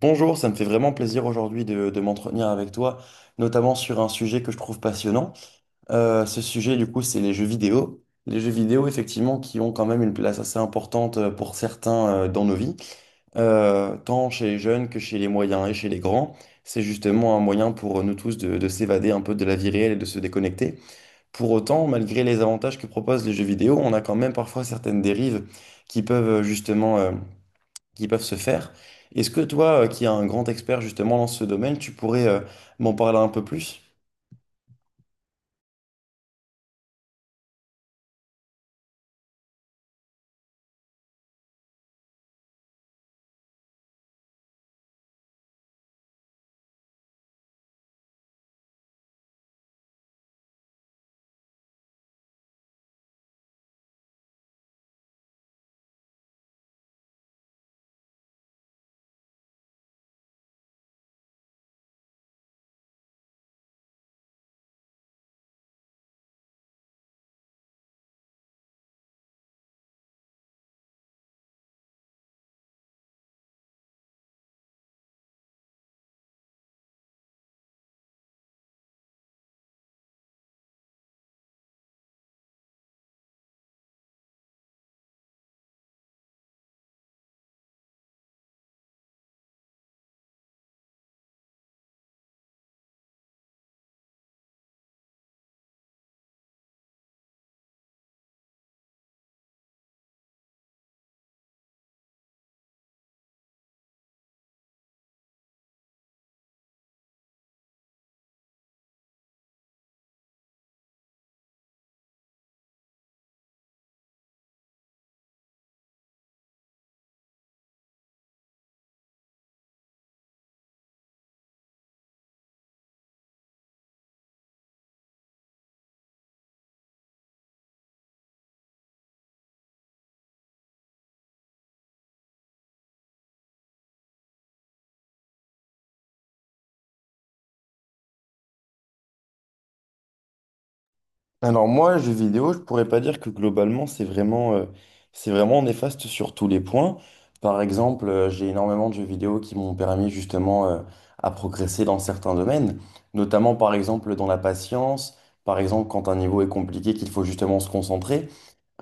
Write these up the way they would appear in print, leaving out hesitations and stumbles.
Bonjour, ça me fait vraiment plaisir aujourd'hui de m'entretenir avec toi, notamment sur un sujet que je trouve passionnant. Ce sujet, du coup, c'est les jeux vidéo. Les jeux vidéo, effectivement, qui ont quand même une place assez importante pour certains, dans nos vies. Tant chez les jeunes que chez les moyens et chez les grands. C'est justement un moyen pour nous tous de s'évader un peu de la vie réelle et de se déconnecter. Pour autant, malgré les avantages que proposent les jeux vidéo, on a quand même parfois certaines dérives qui peuvent, justement qui peuvent se faire. Est-ce que toi, qui es un grand expert justement dans ce domaine, tu pourrais m'en parler un peu plus? Alors moi, jeux vidéo, je pourrais pas dire que globalement, c'est vraiment néfaste sur tous les points. Par exemple, j'ai énormément de jeux vidéo qui m'ont permis justement à progresser dans certains domaines, notamment par exemple dans la patience, par exemple quand un niveau est compliqué, qu'il faut justement se concentrer.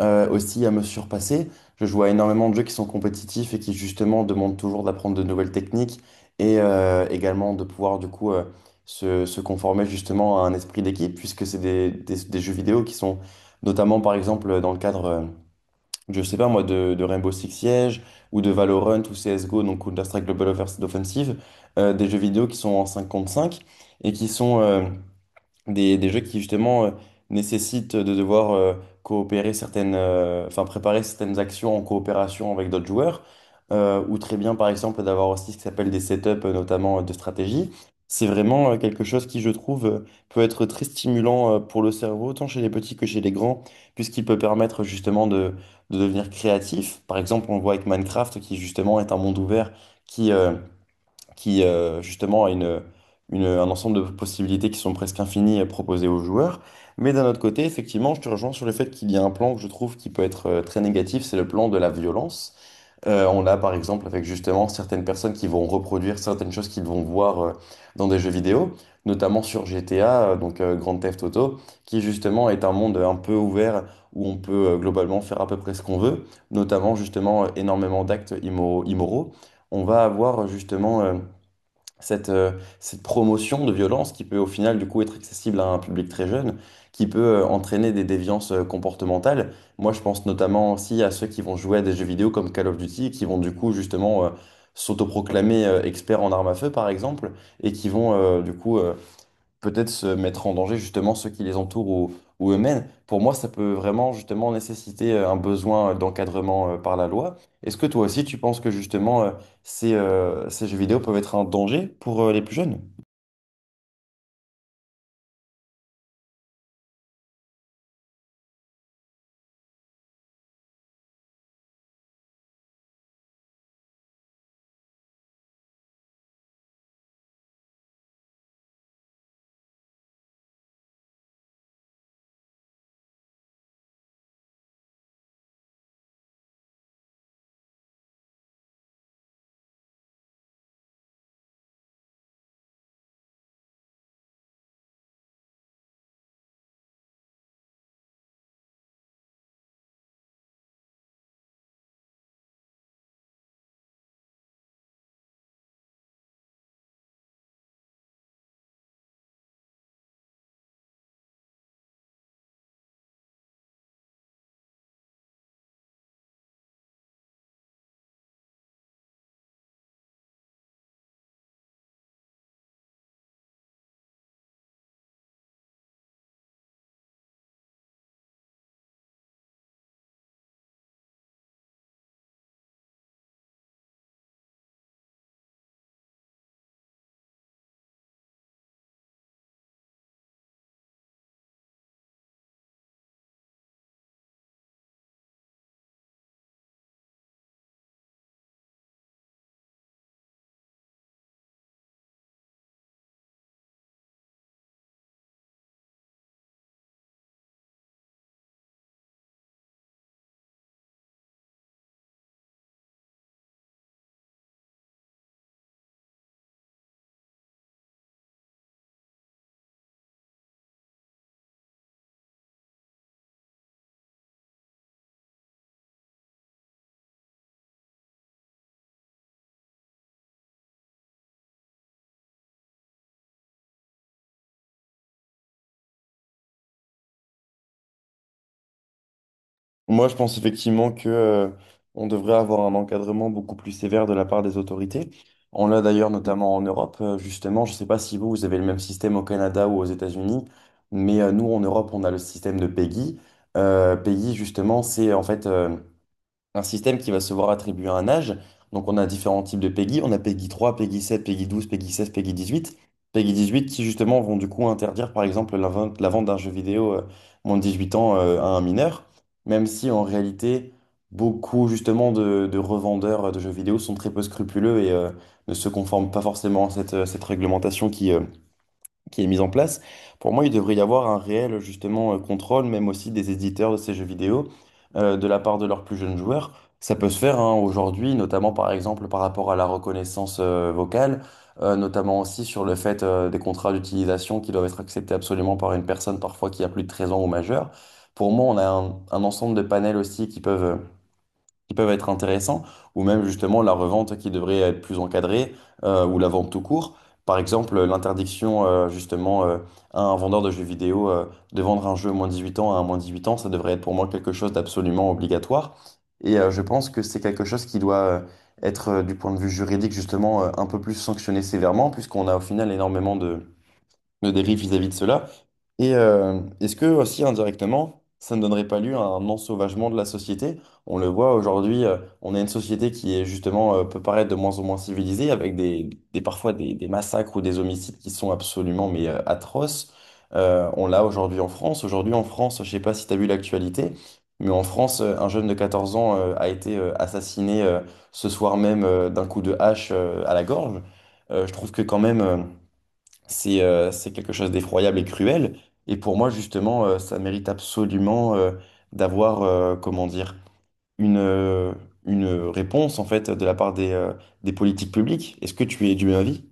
Aussi à me surpasser. Je joue à énormément de jeux qui sont compétitifs et qui justement demandent toujours d'apprendre de nouvelles techniques et également de pouvoir du coup, se conformer justement à un esprit d'équipe, puisque c'est des, des jeux vidéo qui sont notamment par exemple dans le cadre, je sais pas moi, de Rainbow Six Siege ou de Valorant ou CSGO, donc Counter-Strike Global Offensive, des jeux vidéo qui sont en 5 contre 5 et qui sont des jeux qui justement nécessitent de devoir coopérer certaines, enfin préparer certaines actions en coopération avec d'autres joueurs, ou très bien par exemple d'avoir aussi ce qui s'appelle des setups, notamment de stratégie. C'est vraiment quelque chose qui, je trouve, peut être très stimulant pour le cerveau, tant chez les petits que chez les grands, puisqu'il peut permettre justement de devenir créatif. Par exemple, on le voit avec Minecraft, qui justement est un monde ouvert qui, justement a une, un ensemble de possibilités qui sont presque infinies à proposer aux joueurs. Mais d'un autre côté, effectivement, je te rejoins sur le fait qu'il y a un plan que je trouve qui peut être très négatif, c'est le plan de la violence. On l'a par exemple avec justement certaines personnes qui vont reproduire certaines choses qu'ils vont voir dans des jeux vidéo, notamment sur GTA, donc Grand Theft Auto, qui justement est un monde un peu ouvert où on peut globalement faire à peu près ce qu'on veut, notamment justement énormément d'actes immoraux. On va avoir, cette, euh, cette promotion de violence qui peut au final du coup être accessible à un public très jeune, qui peut entraîner des déviances comportementales. Moi, je pense notamment aussi à ceux qui vont jouer à des jeux vidéo comme Call of Duty, qui vont du coup justement s'autoproclamer experts en armes à feu par exemple, et qui vont, du coup peut-être se mettre en danger justement ceux qui les entourent, ou eux-mêmes. Pour moi, ça peut vraiment justement nécessiter un besoin d'encadrement par la loi. Est-ce que toi aussi, tu penses que justement ces jeux vidéo peuvent être un danger pour les plus jeunes? Moi, je pense effectivement que, on devrait avoir un encadrement beaucoup plus sévère de la part des autorités. On l'a d'ailleurs notamment en Europe, justement. Je ne sais pas si vous, vous avez le même système au Canada ou aux États-Unis, mais nous, en Europe, on a le système de PEGI. PEGI, justement, c'est en fait un système qui va se voir attribuer un âge. Donc on a différents types de PEGI. On a PEGI 3, PEGI 7, PEGI 12, PEGI 16, PEGI 18. PEGI 18 qui justement vont du coup interdire par exemple la vente d'un jeu vidéo moins de 18 ans, à un mineur. Même si en réalité beaucoup justement de revendeurs de jeux vidéo sont très peu scrupuleux et ne se conforment pas forcément à cette, cette réglementation qui est mise en place, pour moi, il devrait y avoir un réel justement contrôle, même aussi des éditeurs de ces jeux vidéo, de la part de leurs plus jeunes joueurs. Ça peut se faire hein, aujourd'hui, notamment par exemple par rapport à la reconnaissance vocale, notamment aussi sur le fait des contrats d'utilisation qui doivent être acceptés absolument par une personne parfois qui a plus de 13 ans ou majeur. Pour moi, on a un ensemble de panels aussi qui peuvent, qui peuvent être intéressants, ou même justement la revente qui devrait être plus encadrée, ou la vente tout court. Par exemple, l'interdiction, justement à un vendeur de jeux vidéo de vendre un jeu au moins 18 ans à un moins 18 ans, ça devrait être pour moi quelque chose d'absolument obligatoire. Et je pense que c'est quelque chose qui doit être, du point de vue juridique justement un peu plus sanctionné sévèrement, puisqu'on a au final énormément de dérives vis-à-vis de cela. Et est-ce que aussi indirectement, ça ne donnerait pas lieu à un ensauvagement de la société? On le voit aujourd'hui, on a une société qui est justement, peut paraître de moins en moins civilisée, avec des, parfois des massacres ou des homicides qui sont absolument mais atroces. On l'a aujourd'hui en France. Aujourd'hui en France, je ne sais pas si tu as vu l'actualité, mais en France, un jeune de 14 ans a été assassiné, ce soir même, d'un coup de hache à la gorge. Je trouve que quand même, c'est, c'est quelque chose d'effroyable et cruel. Et pour moi, justement, ça mérite absolument d'avoir, comment dire, une, euh, une réponse, en fait, de la part des politiques publiques. Est-ce que tu es du même avis?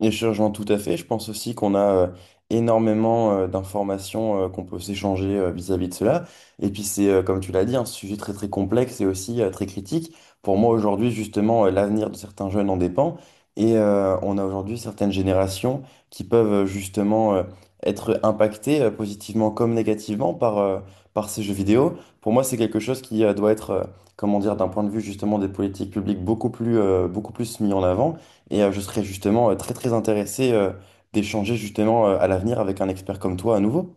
Et je rejoins tout à fait. Je pense aussi qu'on a énormément d'informations qu'on peut s'échanger vis-à-vis de cela. Et puis c'est, comme tu l'as dit, un sujet très très complexe et aussi très critique. Pour moi aujourd'hui, justement, l'avenir de certains jeunes en dépend. Et on a aujourd'hui certaines générations qui peuvent, justement être impactées positivement comme négativement par, par ces jeux vidéo. Pour moi, c'est quelque chose qui doit être, comment dire, d'un point de vue justement des politiques publiques beaucoup plus mis en avant, et je serais justement très très intéressé d'échanger justement à l'avenir avec un expert comme toi à nouveau.